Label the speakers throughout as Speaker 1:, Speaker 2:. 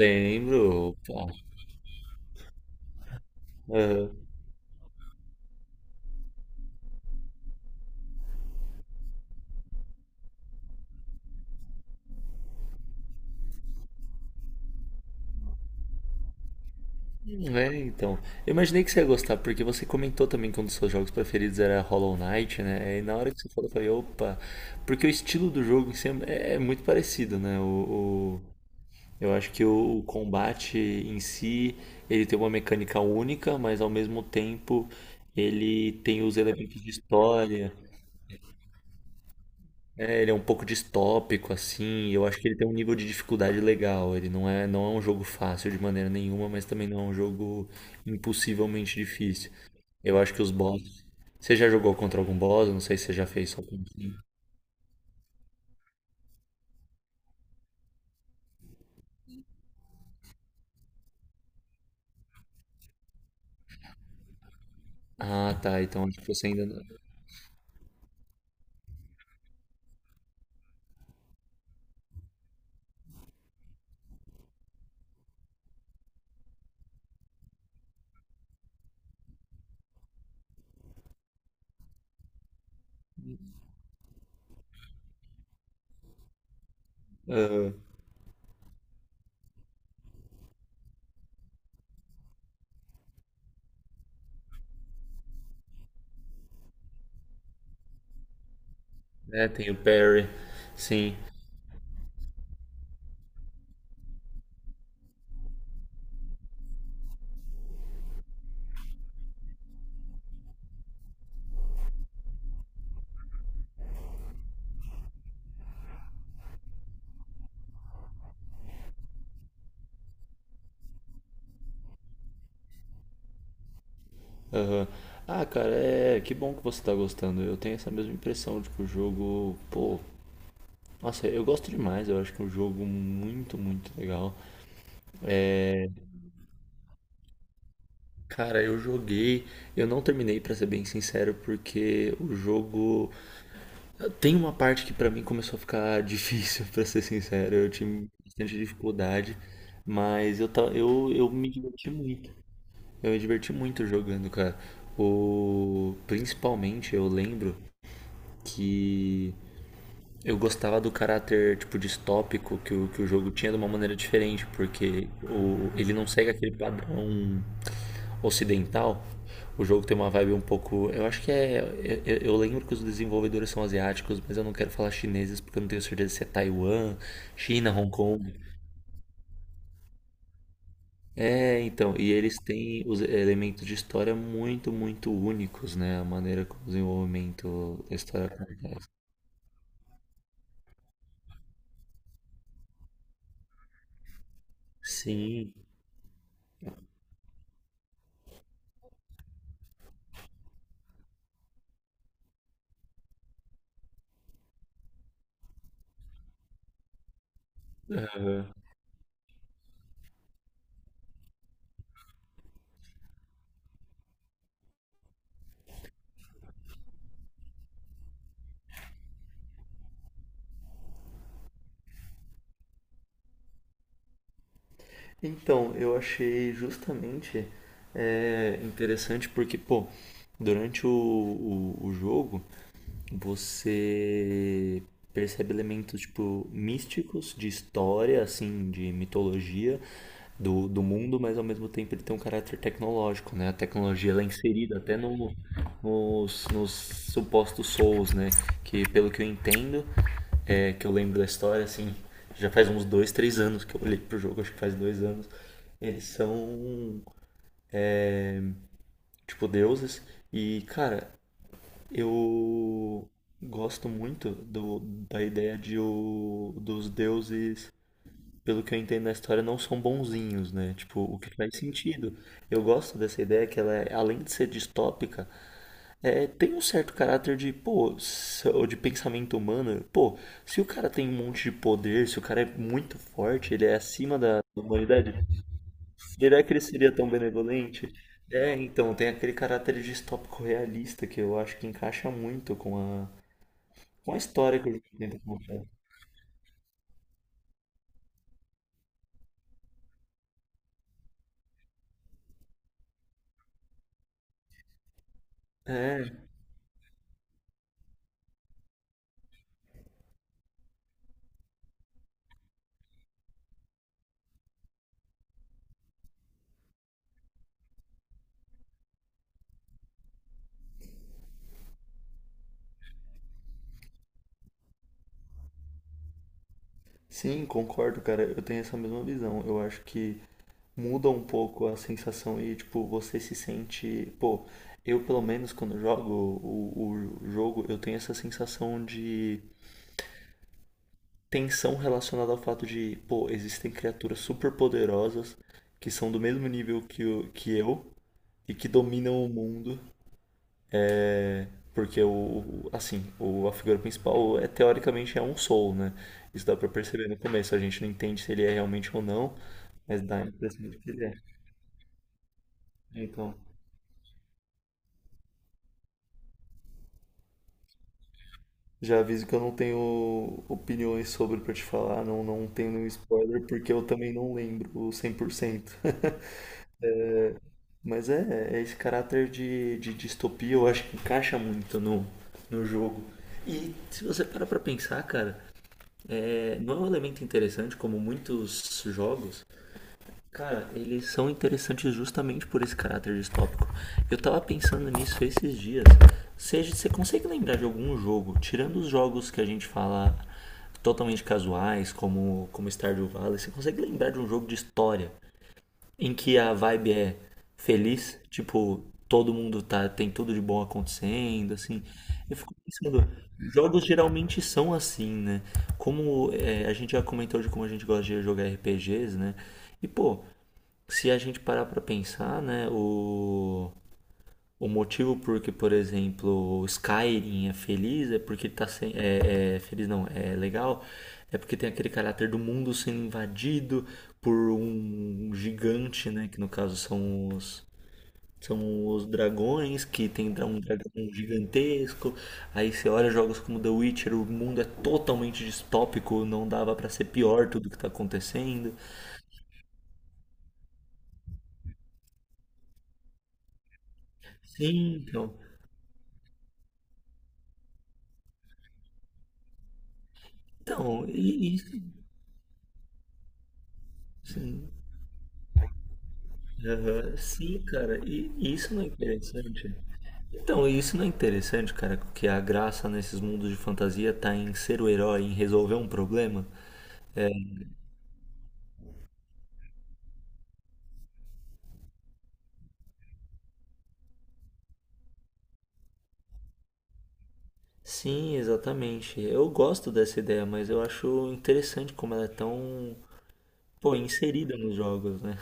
Speaker 1: Lembro, opa. Aham. É, então. Eu imaginei que você ia gostar, porque você comentou também que um dos seus jogos preferidos era Hollow Knight, né? E na hora que você falou, eu falei, opa. Porque o estilo do jogo em si é muito parecido, né? Eu acho que o combate em si, ele tem uma mecânica única, mas ao mesmo tempo ele tem os elementos de história. É, ele é um pouco distópico, assim, e eu acho que ele tem um nível de dificuldade legal. Ele não é, não é um jogo fácil de maneira nenhuma, mas também não é um jogo impossivelmente difícil. Eu acho que os bosses. Você já jogou contra algum boss? Eu não sei se você já fez só com um. Ah, tá. Então acho que você ainda não. Aham. É, tem o Perry. Sim. Aham. Ah, cara, é. Que bom que você tá gostando. Eu tenho essa mesma impressão de que o jogo. Pô. Nossa, eu gosto demais. Eu acho que é um jogo muito, muito legal. Cara, eu joguei, eu não terminei pra ser bem sincero, porque o jogo tem uma parte que pra mim começou a ficar difícil, pra ser sincero, eu tive bastante dificuldade, mas eu me diverti muito. Eu me diverti muito jogando, cara. O Principalmente eu lembro que eu gostava do caráter tipo distópico que o jogo tinha de uma maneira diferente, porque ele não segue aquele padrão ocidental. O jogo tem uma vibe um pouco. Eu acho que é. Eu lembro que os desenvolvedores são asiáticos, mas eu não quero falar chineses porque eu não tenho certeza se é Taiwan, China, Hong Kong. É, então. E eles têm os elementos de história muito, muito únicos, né? A maneira como o desenvolvimento da história. Sim. Então, eu achei justamente interessante porque, pô, durante o jogo, você percebe elementos tipo místicos de história, assim, de mitologia do mundo, mas ao mesmo tempo ele tem um caráter tecnológico, né? A tecnologia ela é inserida até no, nos, nos supostos souls, né? Que pelo que eu entendo, que eu lembro da história, assim, já faz uns 2, 3 anos que eu olhei pro jogo, acho que faz 2 anos. Eles são tipo deuses e, cara, eu gosto muito da ideia de dos deuses, pelo que eu entendo na história, não são bonzinhos, né? Tipo, o que faz sentido. Eu gosto dessa ideia que ela, além de ser distópica, tem um certo caráter de, pô, ou de pensamento humano. Pô, se o cara tem um monte de poder, se o cara é muito forte, ele é acima da humanidade, será que ele seria tão benevolente? É, então, tem aquele caráter distópico realista que eu acho que encaixa muito com a história que o jogo tenta contar. É, sim, concordo, cara. Eu tenho essa mesma visão. Eu acho que muda um pouco a sensação e, tipo, você se sente. Pô, eu pelo menos quando jogo o jogo, eu tenho essa sensação de tensão relacionada ao fato de, pô, existem criaturas super poderosas que são do mesmo nível que eu e que dominam o mundo. Porque assim, a figura principal é teoricamente é um soul, né? Isso dá pra perceber no começo. A gente não entende se ele é realmente ou não, mas dá a impressão de que ele é. Então, já aviso que eu não tenho opiniões sobre pra te falar, não tenho nenhum spoiler, porque eu também não lembro 100%. Mas é esse caráter de distopia, eu acho que encaixa muito no jogo. E se você para pra pensar, cara, não é um elemento interessante como muitos jogos. Cara, eles são interessantes justamente por esse caráter distópico. Eu tava pensando nisso esses dias. Seja, você consegue lembrar de algum jogo, tirando os jogos que a gente fala totalmente casuais, como Stardew Valley, você consegue lembrar de um jogo de história em que a vibe é feliz? Tipo, todo mundo tá, tem tudo de bom acontecendo, assim. Eu fico pensando, jogos geralmente são assim, né? Como é, a gente já comentou de como a gente gosta de jogar RPGs, né? E, pô, se a gente parar para pensar, né, o motivo por que, por exemplo, o Skyrim é feliz é porque ele tá sem, é feliz não, é legal, é porque tem aquele caráter do mundo sendo invadido por um gigante, né, que no caso são os dragões que tem um dragão gigantesco. Aí você olha jogos como The Witcher, o mundo é totalmente distópico, não dava pra ser pior tudo que tá acontecendo. Sim, então. Então, e isso. Sim. Aham. Sim, cara, e isso não é interessante? Então, e isso não é interessante, cara, que a graça nesses mundos de fantasia tá em ser o herói, em resolver um problema? Sim, exatamente. Eu gosto dessa ideia, mas eu acho interessante como ela é tão, pô, inserida nos jogos, né?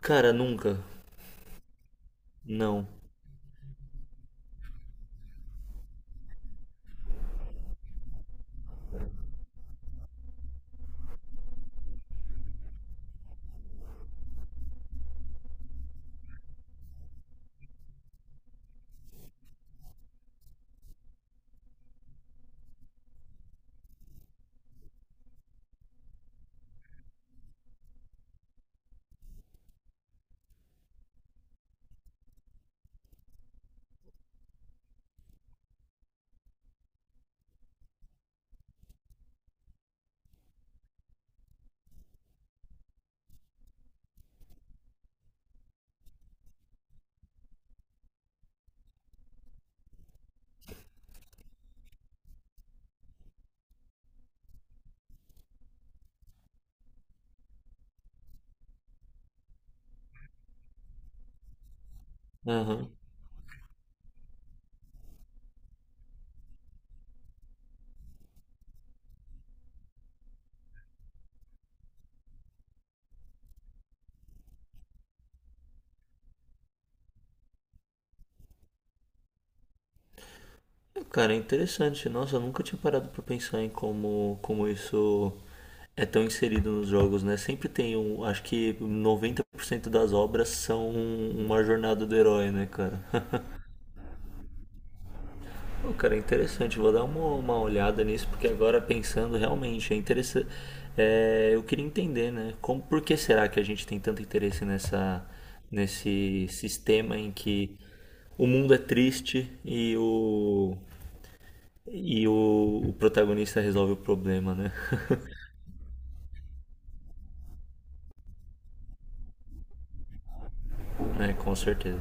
Speaker 1: Cara, nunca. Não. Aham. Cara, é interessante. Nossa, eu nunca tinha parado pra pensar em como isso é tão inserido nos jogos, né? Sempre tem um. Acho que 90% das obras são uma jornada do herói, né, cara? Pô, cara, é interessante. Vou dar uma olhada nisso, porque agora pensando realmente, é interessante. Eu queria entender, né? Como, por que será que a gente tem tanto interesse nessa, nesse sistema em que o mundo é triste e o protagonista resolve o problema, né? É, com certeza.